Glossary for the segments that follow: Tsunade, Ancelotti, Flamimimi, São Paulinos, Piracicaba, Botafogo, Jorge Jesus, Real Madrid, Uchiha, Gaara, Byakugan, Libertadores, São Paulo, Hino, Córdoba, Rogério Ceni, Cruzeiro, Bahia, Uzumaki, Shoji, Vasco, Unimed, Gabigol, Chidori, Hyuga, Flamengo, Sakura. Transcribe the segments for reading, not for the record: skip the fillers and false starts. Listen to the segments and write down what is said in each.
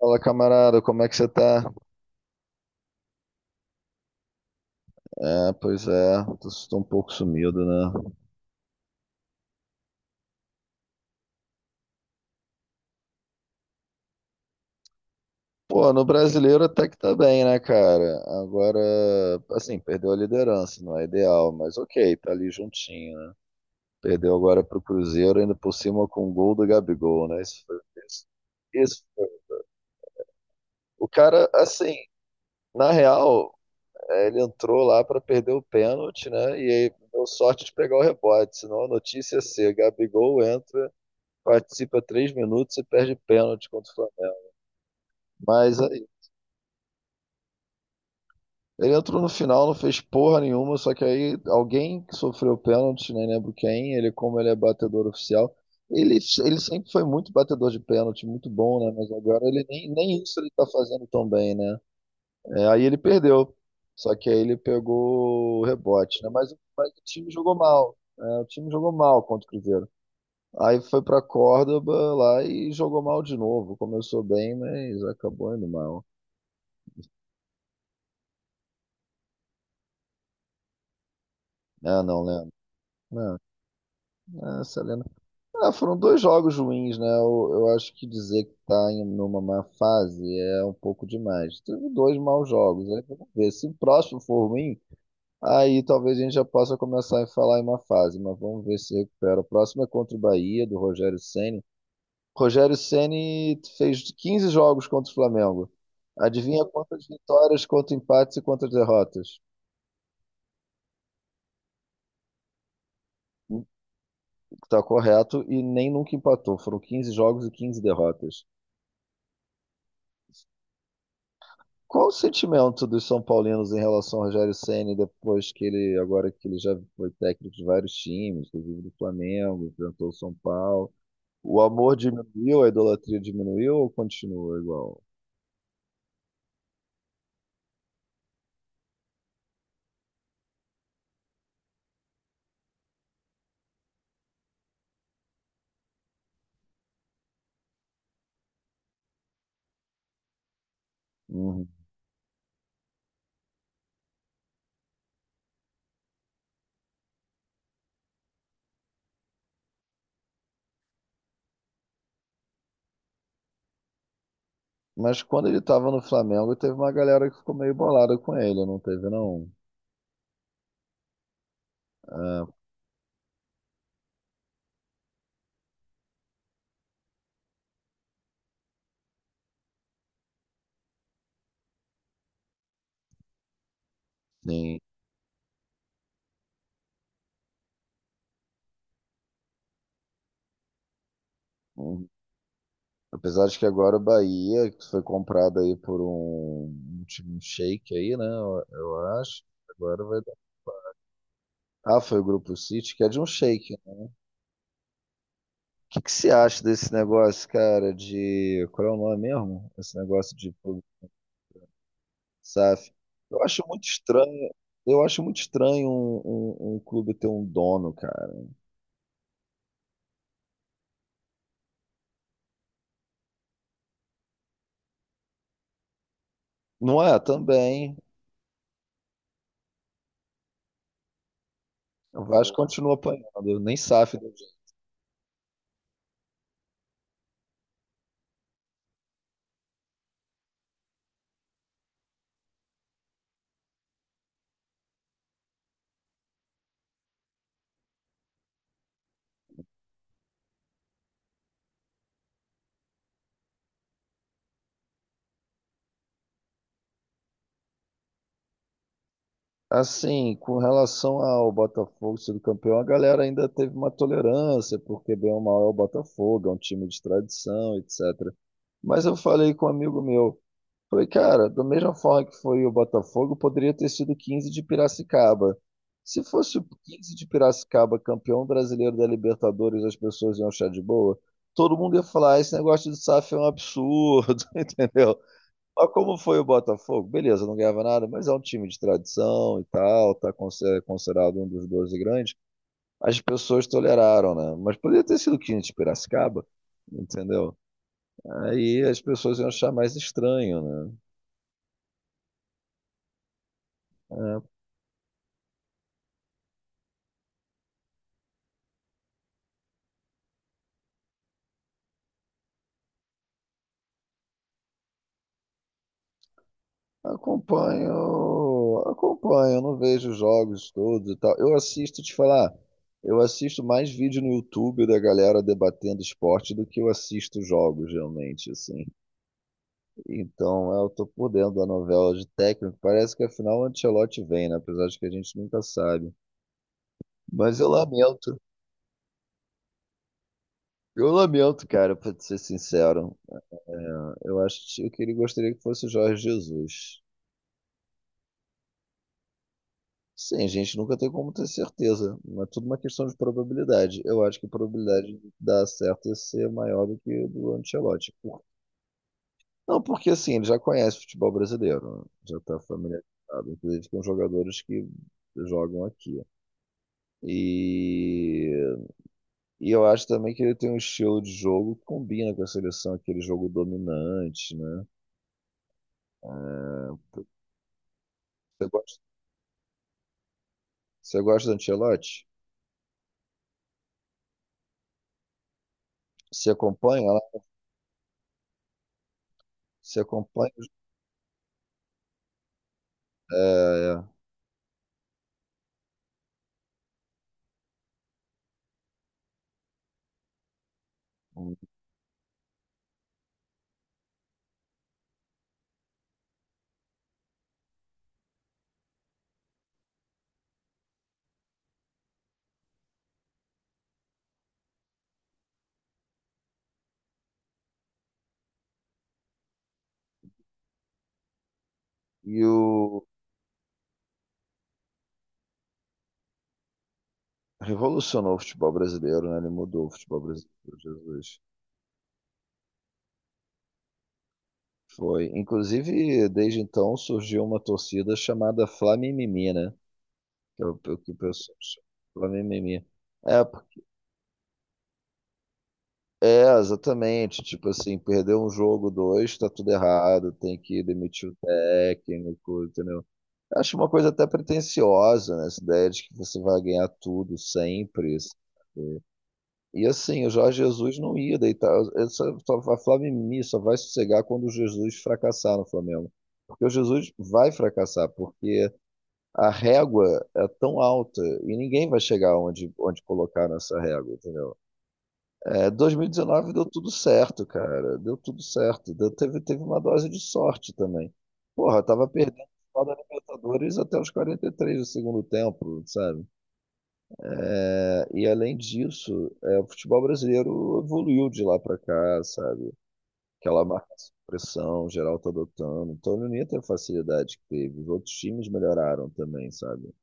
Fala, camarada, como é que você tá? É, pois é, tô um pouco sumido, né? Pô, no brasileiro até que tá bem, né, cara? Agora, assim, perdeu a liderança, não é ideal, mas ok, tá ali juntinho, né? Perdeu agora pro Cruzeiro, ainda por cima com o gol do Gabigol, né? Isso foi isso. Isso. O cara, assim, na real, é, ele entrou lá pra perder o pênalti, né? E aí deu sorte de pegar o rebote, senão a notícia é ser, Gabigol entra, participa três minutos e perde pênalti contra o Flamengo. Mas aí, ele entrou no final, não fez porra nenhuma, só que aí alguém que sofreu pênalti, nem lembro quem, ele, como ele é batedor oficial, ele, ele sempre foi muito batedor de pênalti, muito bom, né? Mas agora ele nem isso ele tá fazendo tão bem, né? É, aí ele perdeu. Só que aí ele pegou o rebote, né? Mas o time jogou mal, né? O time jogou mal contra o Cruzeiro. Aí foi pra Córdoba lá e jogou mal de novo. Começou bem, mas acabou indo mal. Ah, não lembro. Não, é, essa... Ah, foram dois jogos ruins, né? Eu acho que dizer que tá em numa má fase é um pouco demais. Teve dois maus jogos, aí vamos ver. Se o próximo for ruim, aí talvez a gente já possa começar a falar em má fase, mas vamos ver se recupera. O próximo é contra o Bahia, do Rogério Ceni. Rogério Ceni fez 15 jogos contra o Flamengo. Adivinha quantas vitórias, quantos empates e quantas derrotas? Tá correto, e nem nunca empatou. Foram 15 jogos e 15 derrotas. Qual o sentimento dos São Paulinos em relação ao Rogério Ceni depois que ele, agora que ele já foi técnico de vários times, inclusive do Flamengo, enfrentou o São Paulo? O amor diminuiu, a idolatria diminuiu ou continua igual? Uhum. Mas quando ele estava no Flamengo, teve uma galera que ficou meio bolada com ele, não teve não. Ah, sim. Uhum. Apesar de que agora o Bahia, que foi comprado aí por um, um time um shake aí, né? Eu acho. Agora vai dar. Ah, foi o Grupo City, que é de um shake, né? Que você acha desse negócio, cara, de... Qual é o nome mesmo? Esse negócio de pro- SAF. Eu acho muito estranho, eu acho muito estranho um, um- um clube ter um dono, cara. Não é? Também. O Vasco continua apanhando, nem SAF deu jeito. Assim, com relação ao Botafogo sendo campeão, a galera ainda teve uma tolerância, porque bem ou mal é o Botafogo, é um time de tradição, etc. Mas eu falei com um amigo meu, falei, cara, da mesma forma que foi o Botafogo, poderia ter sido Quinze de Piracicaba. Se fosse o Quinze de Piracicaba campeão brasileiro da Libertadores, as pessoas iam achar de boa. Todo mundo ia falar, "Ah, esse negócio de SAF é um absurdo", entendeu? Mas como foi o Botafogo? Beleza, não ganhava nada, mas é um time de tradição e tal, tá conse- é considerado um dos 12 grandes. As pessoas toleraram, né? Mas poderia ter sido Quinze de Piracicaba, entendeu? Aí as pessoas iam achar mais estranho, né? Acompanho, acompanho, não vejo jogos todos e tal. Eu assisto, te falar, eu assisto mais vídeo no YouTube da galera debatendo esporte do que eu assisto jogos, realmente, assim. Então, eu tô por dentro da novela de técnico. Parece que afinal o Ancelotti vem, né? Apesar de que a gente nunca sabe. Mas eu lamento, cara, pra te ser sincero. É, eu acho que eu queria, gostaria que fosse o Jorge Jesus. Sim, a gente nunca tem como ter certeza, mas tudo uma questão de probabilidade. Eu acho que a probabilidade de dar certo ia ser maior do que do Ancelotti. Por- não, porque assim, ele já conhece o futebol brasileiro, né? Já está familiarizado, inclusive com jogadores que jogam aqui. E, e eu acho também que ele tem um estilo de jogo que combina com a seleção, aquele jogo dominante, né? Você gosta, você gosta do Ancelotti? Você acompanha lá? Você acompanha? É, é. E o revolucionou o futebol brasileiro, né? Ele mudou o futebol brasileiro, Jesus. Foi. Inclusive, desde então surgiu uma torcida chamada Flamimimi, né? Que é o que o pessoal chama. Flamimimi. É, por- é, exatamente. Tipo assim, perdeu um jogo, dois, tá tudo errado, tem que demitir o técnico, entendeu? Eu acho uma coisa até pretensiosa, né? Essa ideia de que você vai ganhar tudo sempre. E assim, o Jorge Jesus não ia deitar. Essa, só- a Flamini só vai sossegar quando o Jesus fracassar no Flamengo. Porque o Jesus vai fracassar, porque a régua é tão alta e ninguém vai chegar onde, onde colocar nessa régua, entendeu? É, 2019 deu tudo certo, cara. Deu tudo certo. Deu- teve uma dose de sorte também. Porra, tava perdendo o final da Libertadores até os 43 do segundo tempo, sabe? É, e além disso, é, o futebol brasileiro evoluiu de lá para cá, sabe? Aquela marca de pressão geral tá adotando. Então ele não ia ter a facilidade que teve. Os outros times melhoraram também, sabe?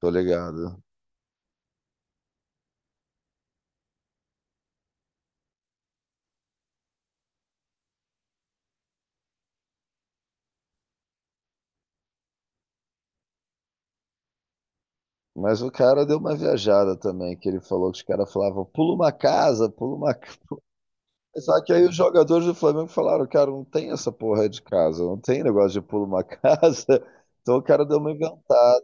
Tô ligado. Mas o cara deu uma viajada também, que ele falou que os caras falavam, pula uma casa, pula uma casa. Só que aí os jogadores do Flamengo falaram, cara, não tem essa porra de casa, não tem negócio de pula uma casa. Então o cara deu uma inventada.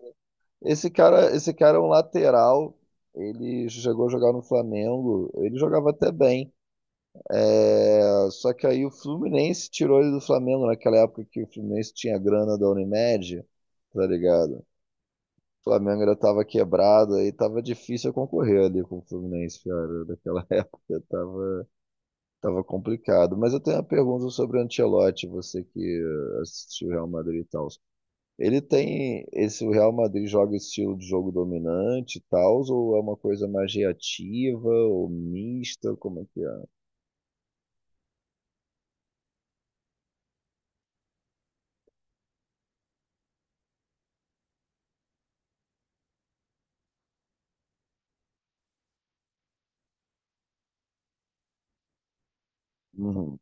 Esse cara é um lateral. Ele chegou a jogar no Flamengo. Ele jogava até bem. É, só que aí o Fluminense tirou ele do Flamengo naquela época que o Fluminense tinha grana da Unimed, tá ligado? O Flamengo ainda tava quebrado, aí tava difícil eu concorrer ali com o Fluminense, cara. Naquela época tava, tava complicado. Mas eu tenho uma pergunta sobre o Ancelotti, você que assistiu o Real Madrid e tal. Ele tem esse o Real Madrid joga estilo de jogo dominante e tal, ou é uma coisa mais reativa ou mista, como é que é? Uhum.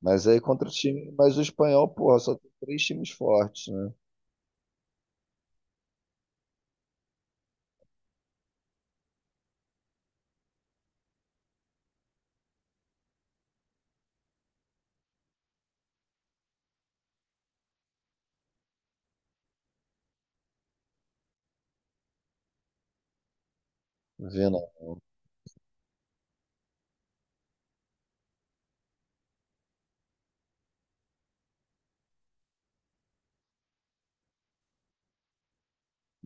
Mas aí contra o time, mas o espanhol, porra, só tem três times fortes, né? Vendo.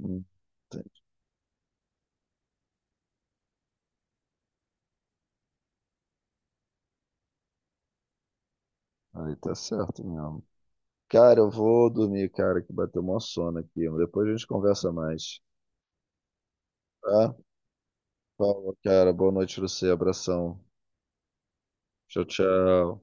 Hum, tem- aí tá certo mesmo. Cara, eu vou dormir, cara, que bateu uma sono aqui. Depois a gente conversa mais. Tá? Falou, cara. Boa noite pra você. Abração. Tchau, tchau.